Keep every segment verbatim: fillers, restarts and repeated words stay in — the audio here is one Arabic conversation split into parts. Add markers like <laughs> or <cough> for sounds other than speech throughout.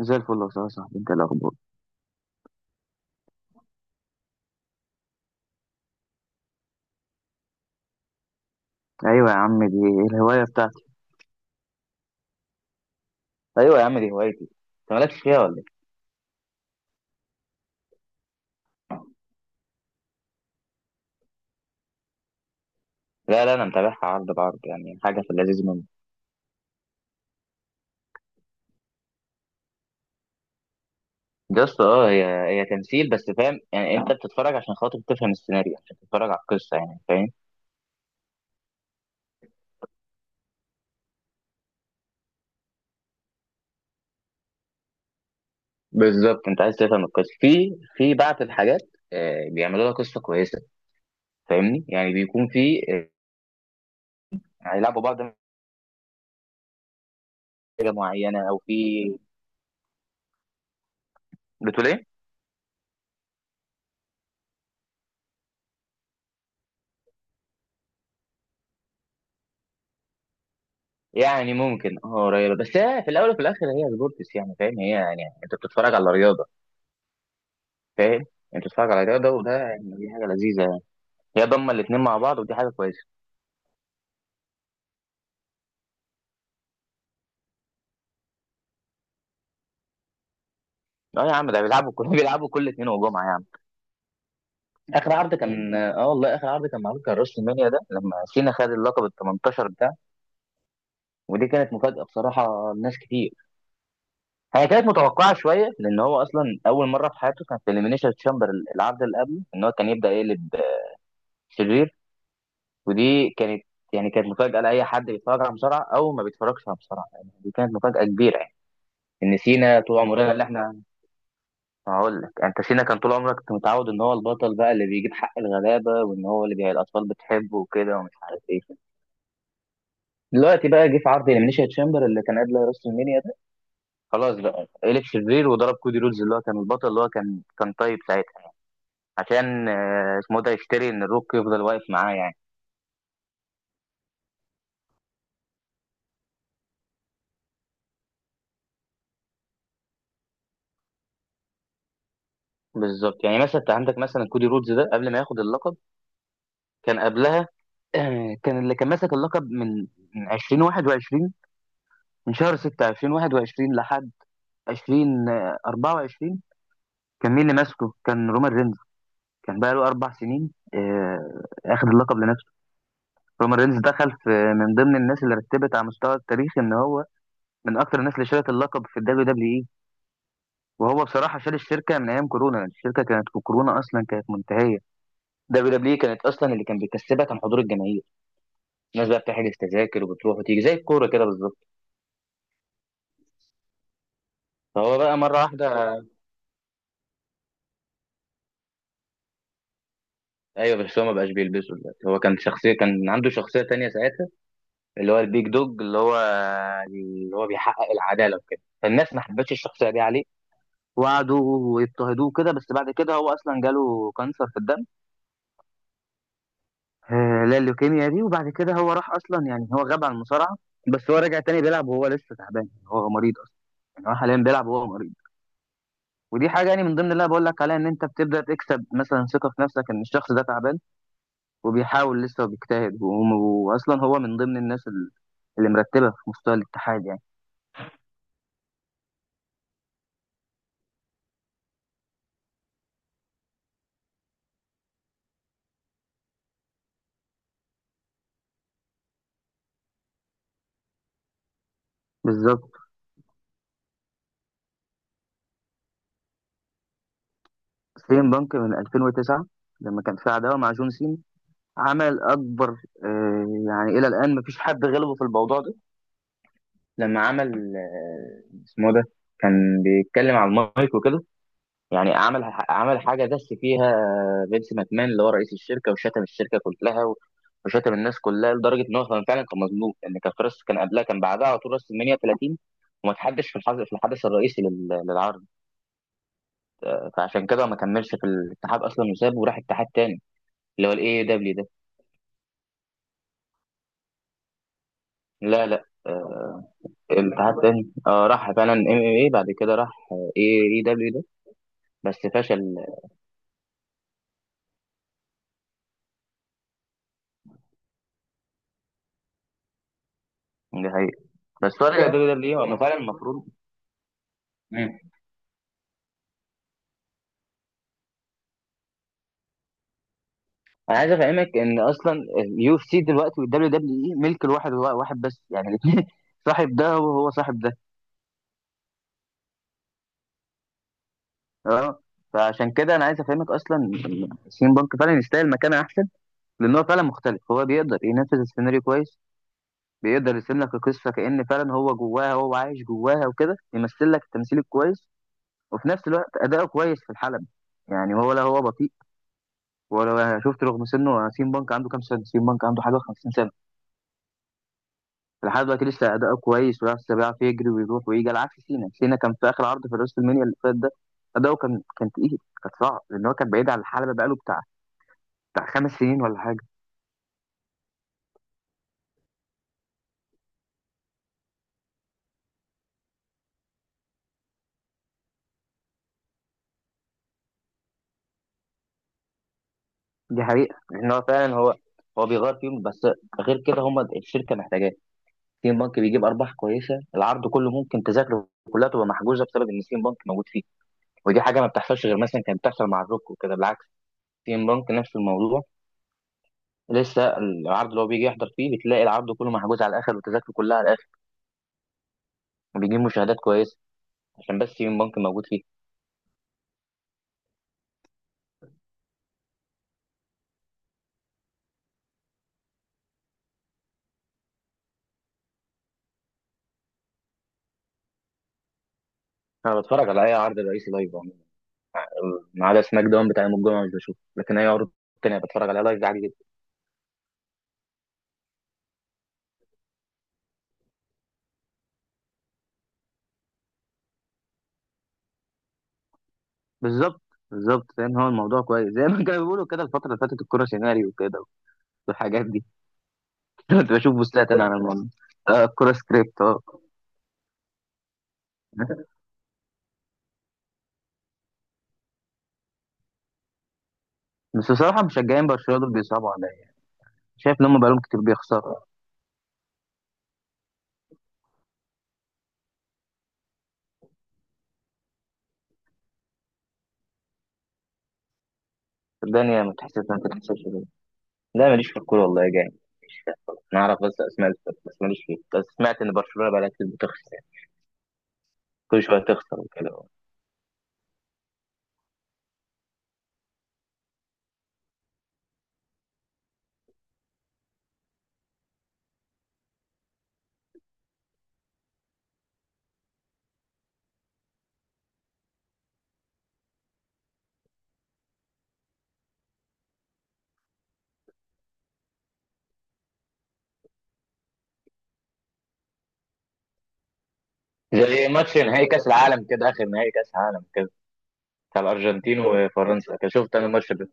زي الفل والله يا أستاذ، صاحبي انت إيه الاخبار؟ ايوه يا عم، دي الهوايه بتاعتي. ايوه يا عم، دي هوايتي. انت مالكش فيها ولا ايه؟ لا لا، انا متابعها عرض بعرض، يعني حاجه في اللذيذ منه. بس اه، هي هي تمثيل بس، فاهم؟ يعني انت بتتفرج عشان خاطر تفهم السيناريو، عشان تتفرج على القصه، يعني فاهم. بالظبط، انت عايز تفهم القصه في في بعض الحاجات. آه، بيعملوا لها قصه كويسه. فاهمني، يعني بيكون في آه، هيلعبوا بعض. حاجه معينه او في، بتقول ايه؟ يعني ممكن اه، قريبه، بس هي في الاول وفي الاخر هي سبورتس يعني، فاهم؟ هي يعني انت بتتفرج على رياضه، فاهم. انت بتتفرج على رياضه، وده يعني دي حاجه لذيذه يعني. هي ضمه الاثنين مع بعض، ودي حاجه كويسه. اه يا عم، ده بيلعبوا كل <laughs> بيلعبوا كل اثنين وجمعه يا عم. اخر عرض كان اه، والله اخر عرض كان معمول، كان راس المنيا ده لما سينا خد اللقب ال الثامن عشر بتاعه. ودي كانت مفاجاه بصراحه لناس كتير. هي كانت متوقعه شويه، لان هو اصلا اول مره في حياته كان في اليمينيشن تشامبر. العرض اللي قبله ان هو كان يبدا يقلب شرير. ودي كانت، يعني كانت مفاجأة لأي حد بيتفرج على مصارعة أو ما بيتفرجش على مصارعة، يعني دي كانت مفاجأة كبيرة يعني. إن سينا طول عمرنا اللي إحنا، هقول لك أنت، سينا كان طول عمرك كنت متعود إن هو البطل بقى اللي بيجيب حق الغلابة، وإن هو اللي بي... الأطفال بتحبه وكده ومش عارف إيه. دلوقتي بقى جه في عرض إليمينيشن تشامبر اللي كان قبل راس المنيا ده. خلاص بقى قلب شرير وضرب كودي رودز اللي هو كان البطل اللي هو كان كان طيب ساعتها. عشان آه، اسمه ده يشتري إن الروك يفضل واقف معاه يعني. بالظبط، يعني مثلا انت عندك مثلا كودي رودز ده قبل ما ياخد اللقب، كان قبلها، آه، كان اللي كان ماسك اللقب من من ألفين وواحد وعشرين، من شهر ستة ألفين وواحد وعشرين لحد ألفين وأربعة وعشرين. كان مين اللي ماسكه؟ كان رومان رينز. كان بقى له اربع سنين، آه، اخد اللقب لنفسه. رومان رينز دخل في من ضمن الناس اللي رتبت على مستوى التاريخ ان هو من اكتر الناس اللي شالت اللقب في الدبليو دبليو اي. وهو بصراحه شال الشركه من ايام كورونا، لأن الشركه كانت في كورونا اصلا كانت منتهيه. دبليو دبليو اي كانت اصلا اللي كان بيكسبها كان حضور الجماهير. الناس بقى بتحجز تذاكر وبتروح وتيجي زي الكوره كده بالظبط. هو بقى مرة واحدة. أيوة، بس هو ما بقاش بيلبسه دلوقتي، هو كان شخصية، كان عنده شخصية تانية ساعتها. اللي هو البيج دوج، اللي هو اللي هو بيحقق العدالة وكده، فالناس ما حبتش الشخصية دي عليه. وقعدوا ويضطهدوه كده، بس بعد كده هو أصلا جاله كانسر في الدم، آه، اللي هي اللوكيميا دي. وبعد كده هو راح أصلا، يعني هو غاب عن المصارعة. بس هو رجع تاني بيلعب وهو لسه تعبان، يعني هو مريض أصلا. يعني هو حاليا بيلعب وهو مريض. ودي حاجة يعني من ضمن اللي أنا بقول لك عليها، إن أنت بتبدأ تكسب مثلا ثقة في نفسك إن الشخص ده تعبان وبيحاول لسه وبيجتهد، وم- واصلا هو من ضمن الناس ال- اللي مرتبه في مستوى الاتحاد يعني. بالظبط. سين بانك من ألفين وتسعة، لما كان في عداوه مع جون سين، عمل اكبر، آه، يعني الى الان مفيش حد غلبه في الموضوع ده. لما عمل، آه، اسمه ده، كان بيتكلم على المايك وكده، يعني عمل عمل حاجه دس فيها فينس ماكمان اللي هو رئيس الشركه، وشتم الشركه كلها و- وشتم الناس كلها، لدرجه ان هو كان فعلا كان مظلوم، لان كان في راس، كان قبلها كان بعدها على طول راس المنيا ثلاثين، وما تحدش في الحظ في الحدث الرئيسي لل- للعرض. فعشان كده ما كملش في الاتحاد اصلا وسابه وراح اتحاد تاني اللي هو الاي دبليو ده. لا لا، آه، الاتحاد تاني اه راح فعلا ام ام اي، بعد كده راح اي اي دبليو ده، بس فشل. ده حقيقي. بس هو رجع دبليو دبليو، هو فعلا المفروض. انا عايز افهمك ان اصلا اليو اف سي دلوقتي والدبليو دبليو اي ملك الواحد، هو واحد بس يعني الاثنين، <laughs> صاحب ده هو هو صاحب ده. اه، فعشان كده انا عايز افهمك اصلا إن سين بانك فعلا يستاهل مكانه احسن، لان هو فعلا مختلف، هو بيقدر ينفذ السيناريو كويس. بيقدر يرسم لك القصه كأن فعلا هو جواها، هو عايش جواها وكده، يمثل لك التمثيل الكويس، وفي نفس الوقت اداؤه كويس في الحلبة. يعني هو لا هو بطيء ولا، شفت؟ رغم سنه، سين بانك عنده كام سنه؟ سين بانك عنده حاجه خمسين سنه، لحد دلوقتي لسه اداؤه كويس ولسه بيعرف يجري ويروح ويجي، على عكس سينا. سينا كان في اخر عرض في راس المنيا اللي فات ده اداؤه كان كان تقيل، كان صعب، لان هو كان بعيد عن الحلبه بقاله بتاع بتاع خمس سنين ولا حاجه. دي حقيقه، لان هو فعلا هو هو بيغير فيهم بس، غير كده هم الشركه محتاجاه. سين بانك بيجيب ارباح كويسه، العرض كله ممكن تذاكره كلها تبقى محجوزه بسبب ان سين بانك موجود فيه. ودي حاجه ما بتحصلش غير مثلا كانت بتحصل مع الروك وكده. بالعكس، سين بانك نفس الموضوع، لسه العرض اللي هو بيجي يحضر فيه بتلاقي العرض كله محجوز على الاخر، والتذاكر كلها على، وبيجيب مشاهدات كويسه عشان بس يوم بنك موجود فيه. انا بتفرج على اي عرض رئيسي لايف عموما، ما عدا سماك داون بتاع يوم الجمعه مش بشوفه، لكن اي عرض تاني بتفرج عليها لايف عادي جدا. بالظبط بالظبط، فاهم هو الموضوع كويس، زي ما كانوا بيقولوا كده الفتره اللي فاتت الكوره سيناريو وكده، والحاجات دي. <laughs> كنت بشوف بوستات انا على الموضوع. آه، الكوره سكريبت اه. بس بصراحه مشجعين برشلونه دول بيصعبوا عليا، شايف ان هم بقالهم كتير بيخسروا. الدنيا ما تحسش ما تحسش كده. لا ماليش في الكوره والله يا جاي، مش فاهم خالص. انا اعرف بس اسماء الفرق، بس ماليش فيه، بس سمعت ان برشلونه بقالها كتير بتخسر، كل شويه تخسر وكده، زي ماتش نهائي كاس العالم كده، اخر نهائي كاس عالم كده، بتاع الارجنتين وفرنسا كده، شفت انا الماتش ده.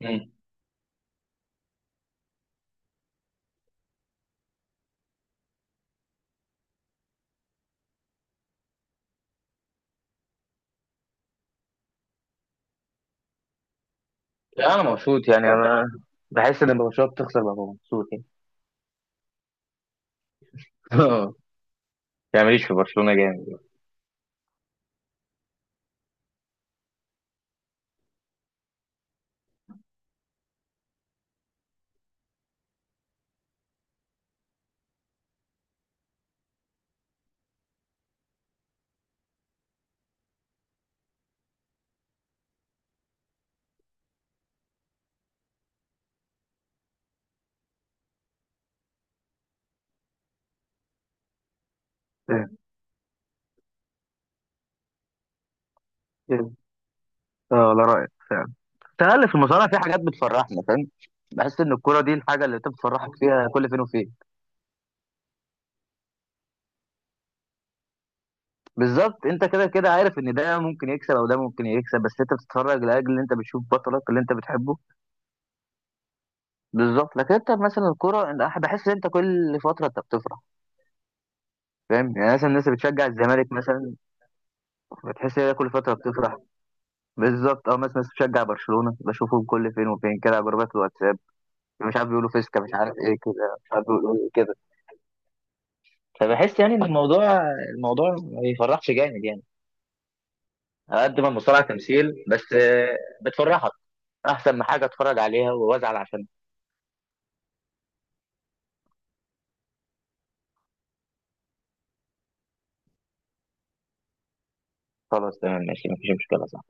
مم. لا انا مبسوط يعني، انا بحس ان برشلونه بتخسر ببقى مبسوط يعني. <laughs> يعني ماليش في برشلونه جامد. اه لا، رايك فعلا تقل، في المصارعه في حاجات بتفرحنا فاهم. بحس ان الكرة دي الحاجة اللي انت بتفرحك فيها كل فين وفين. بالظبط، انت كده كده عارف ان ده ممكن يكسب او ده ممكن يكسب، بس انت بتتفرج لاجل ان انت بتشوف بطلك اللي انت بتحبه. بالظبط، لكن انت مثلا الكوره أنا بحس ان انت كل فتره انت بتفرح، فاهم؟ يعني مثلا الناس اللي بتشجع الزمالك مثلا، بتحس ان هي كل فتره بتفرح. بالظبط اه، مثلا الناس بتشجع برشلونه بشوفهم كل فين وفين كده على جروبات الواتساب، مش عارف بيقولوا فيسكا مش عارف ايه كده، مش عارف بيقولوا ايه كده، فبحس يعني ان الموضوع الموضوع ما بيفرحش جامد يعني. على قد ما المصارعه تمثيل بس آه، بتفرحك، احسن ما حاجه اتفرج عليها وازعل عشان. خلاص تمام ماشي مفيش مشكله صح.